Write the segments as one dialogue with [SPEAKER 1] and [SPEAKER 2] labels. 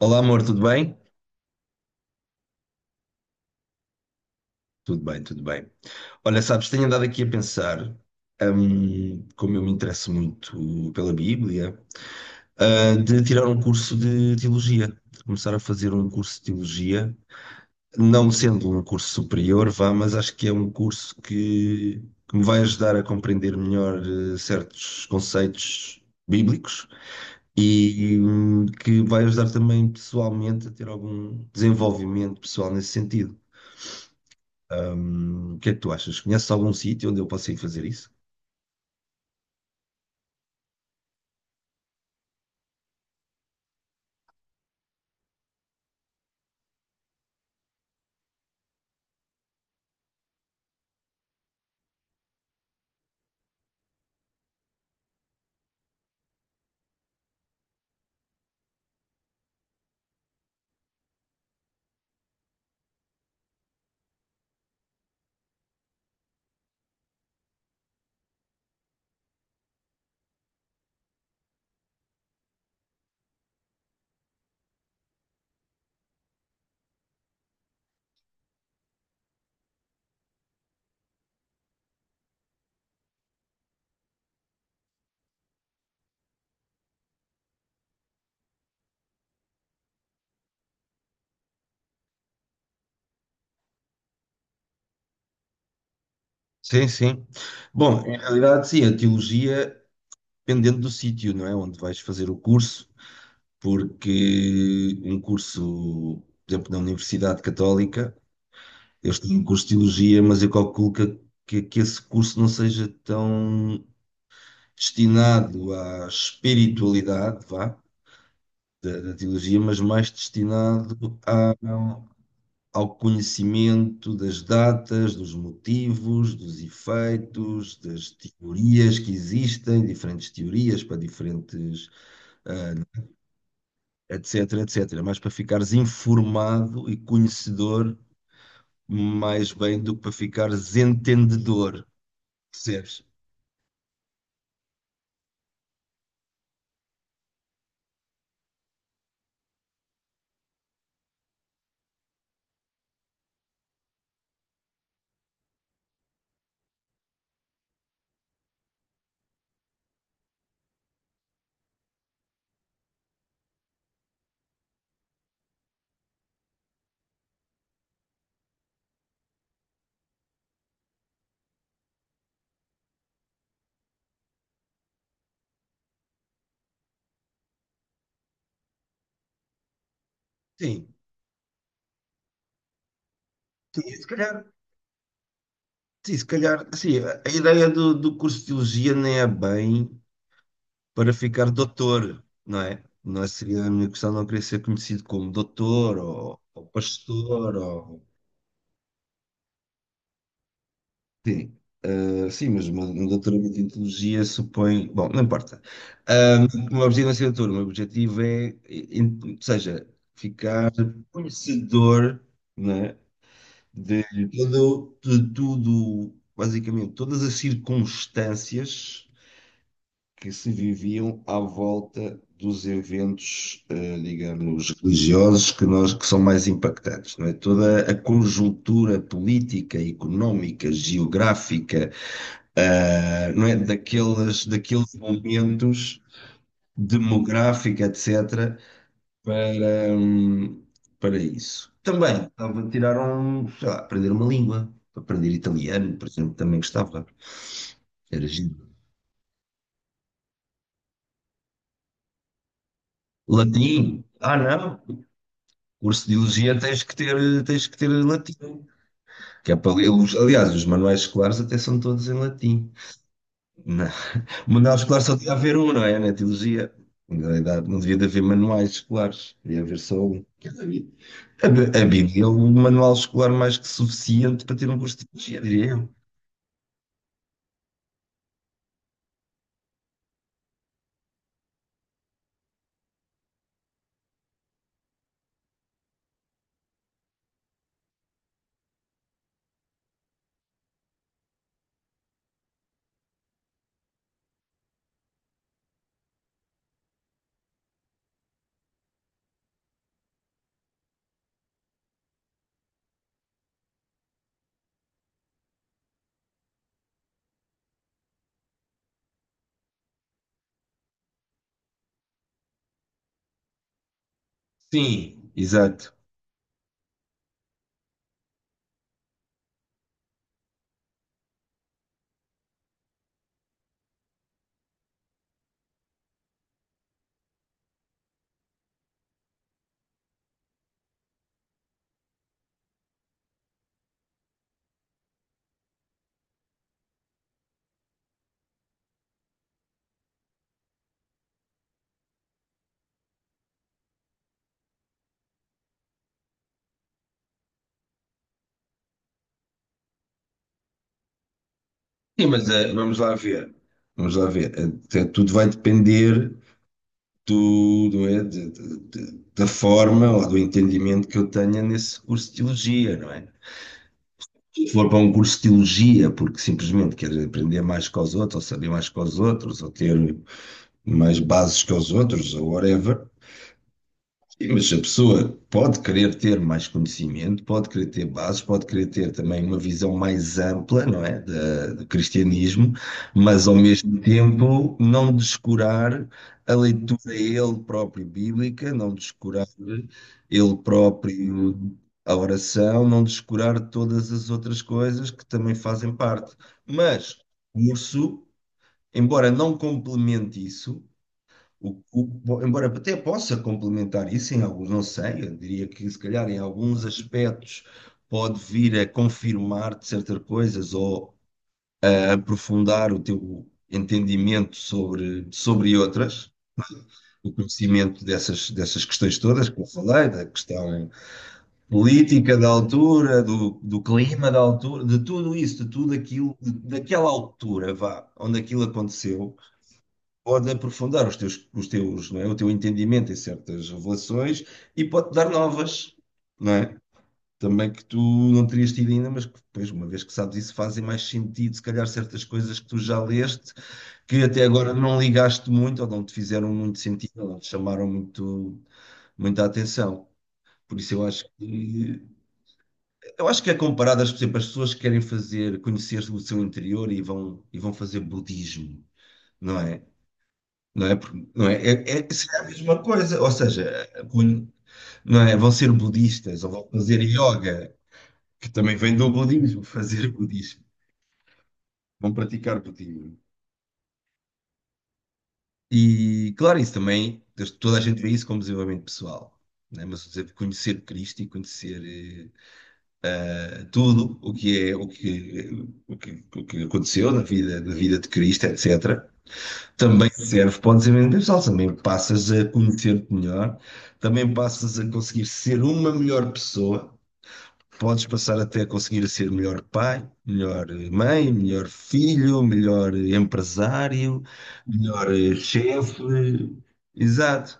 [SPEAKER 1] Olá, amor, tudo bem? Tudo bem, tudo bem. Olha, sabes, tenho andado aqui a pensar, como eu me interesso muito pela Bíblia, de tirar um curso de teologia, de começar a fazer um curso de teologia, não sendo um curso superior, vá, mas acho que é um curso que, me vai ajudar a compreender melhor, certos conceitos bíblicos e, que vai ajudar também pessoalmente a ter algum desenvolvimento pessoal nesse sentido. O que é que tu achas? Conheces algum sítio onde eu possa ir fazer isso? Sim, sim. Bom, em realidade, sim, a teologia, dependendo do sítio, não é? Onde vais fazer o curso, porque um curso, por exemplo, na Universidade Católica, eu estou em curso de teologia, mas eu calculo que, esse curso não seja tão destinado à espiritualidade, vá, da teologia, mas mais destinado à, ao conhecimento das datas, dos motivos, dos efeitos, das teorias que existem, diferentes teorias para diferentes, ah, etc, etc. Mas para ficares informado e conhecedor mais bem do que para ficares entendedor, percebes? Sim, sim, se calhar, sim, se calhar, assim, a ideia do, do curso de teologia nem é bem para ficar doutor, não é? Seria a minha questão não querer ser conhecido como doutor ou pastor ou... Sim, sim, mas um doutoramento em teologia supõe... Bom, não importa. Ah, o meu objetivo não é ser doutor, o meu objetivo é, ou seja, ficar conhecedor, não é? De, todo, de tudo, basicamente, todas as circunstâncias que se viviam à volta dos eventos, digamos, religiosos que nós que são mais impactantes, não é? Toda a conjuntura política, económica, geográfica, não é? Daqueles momentos demográfica, etc., para, para isso. Também estava a tirar um, sei lá, aprender uma língua, aprender italiano, por exemplo, também gostava, era giro. Latim, ah não, curso de biologia tens que ter latim. Que é para, aliás, os manuais escolares até são todos em latim. Na- O manual escolar só devia haver um, não é? Na teologia. Na realidade, não devia de haver manuais escolares, devia haver só um. Que é da Bíblia. A Bíblia é o manual escolar mais que suficiente para ter um curso de teologia, diria eu. Sim, exato. Sim, mas vamos lá ver. Vamos lá ver. Tudo vai depender. Tudo é da forma ou do entendimento que eu tenha nesse curso de teologia, não é? Se for para um curso de teologia, porque simplesmente quer aprender mais que os outros, ou saber mais que os outros, ou ter mais bases que os outros, ou whatever, e, mas a pessoa pode querer ter mais conhecimento, pode querer ter bases, pode querer ter também uma visão mais ampla, não é, do cristianismo, mas ao mesmo tempo não descurar a leitura ele próprio bíblica, não descurar ele próprio a oração, não descurar todas as outras coisas que também fazem parte. Mas o curso, embora não complemente isso, embora até possa complementar isso em alguns, não sei, eu diria que se calhar em alguns aspectos pode vir a confirmar-te certas coisas ou a aprofundar o teu entendimento sobre, sobre outras, o conhecimento dessas, dessas questões todas que eu falei, da questão política da altura, do, do clima da altura, de tudo isso, de tudo aquilo, daquela altura, vá, onde aquilo aconteceu pode aprofundar os teus, não é? O teu entendimento em certas revelações e pode-te dar novas, não é? Também que tu não terias tido ainda, mas que depois, uma vez que sabes isso, fazem mais sentido, se calhar, certas coisas que tu já leste, que até agora não ligaste muito, ou não te fizeram muito sentido, ou não te chamaram muito, muita atenção. Por isso eu acho que é comparado, por exemplo, as pessoas que querem fazer, conhecer o seu interior e vão fazer budismo, não é? Não é? Porque, não é? É, é, será a mesma coisa, ou seja, quando- não é? Vão ser budistas ou vão fazer yoga, que também vem do budismo, fazer budismo, vão praticar budismo. E claro, isso também, toda a gente vê isso como desenvolvimento pessoal, né? Mas por exemplo, conhecer Cristo e conhecer tudo o que é o que, o que, o que aconteceu na vida de Cristo, etc. Também serve, podes empreender pessoal, também passas a conhecer-te melhor, também passas a conseguir ser uma melhor pessoa, podes passar até a conseguir ser melhor pai, melhor mãe, melhor filho, melhor empresário, melhor chefe, exato,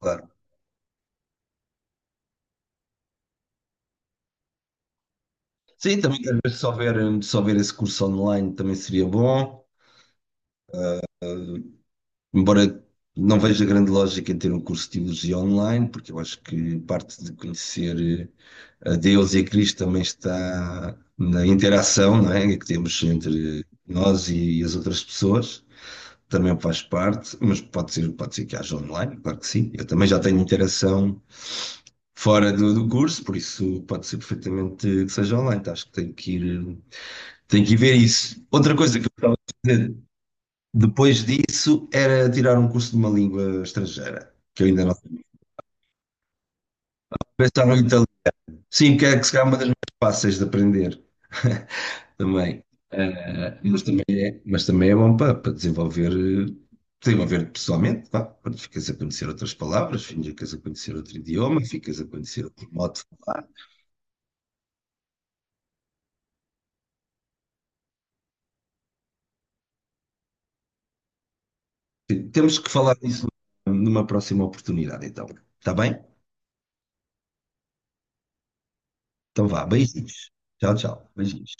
[SPEAKER 1] claro. Sim, também às vezes se houver, se houver esse curso online também seria bom. Embora não veja grande lógica em ter um curso de teologia online, porque eu acho que parte de conhecer a Deus e a Cristo também está na interação, não é? Que temos entre nós e as outras pessoas. Também faz parte, mas pode ser que haja online, claro que sim. Eu também já tenho interação fora do, do curso, por isso pode ser perfeitamente que seja online. Então, acho que tenho que ir ver isso. Outra coisa que eu gostava depois disso, era tirar um curso de uma língua estrangeira, que eu ainda não sabia. Pensar no italiano. Sim, que é que se calhar é uma das mais fáceis de aprender também. Mas também é bom para, para desenvolver, desenvolver pessoalmente, pá. Quando ficas a conhecer outras palavras, ficas a conhecer outro idioma, ficas a conhecer outro modo de falar. Sim, temos que falar disso numa próxima oportunidade, então. Está bem? Então vá, beijinhos. Tchau, tchau. Beijinhos.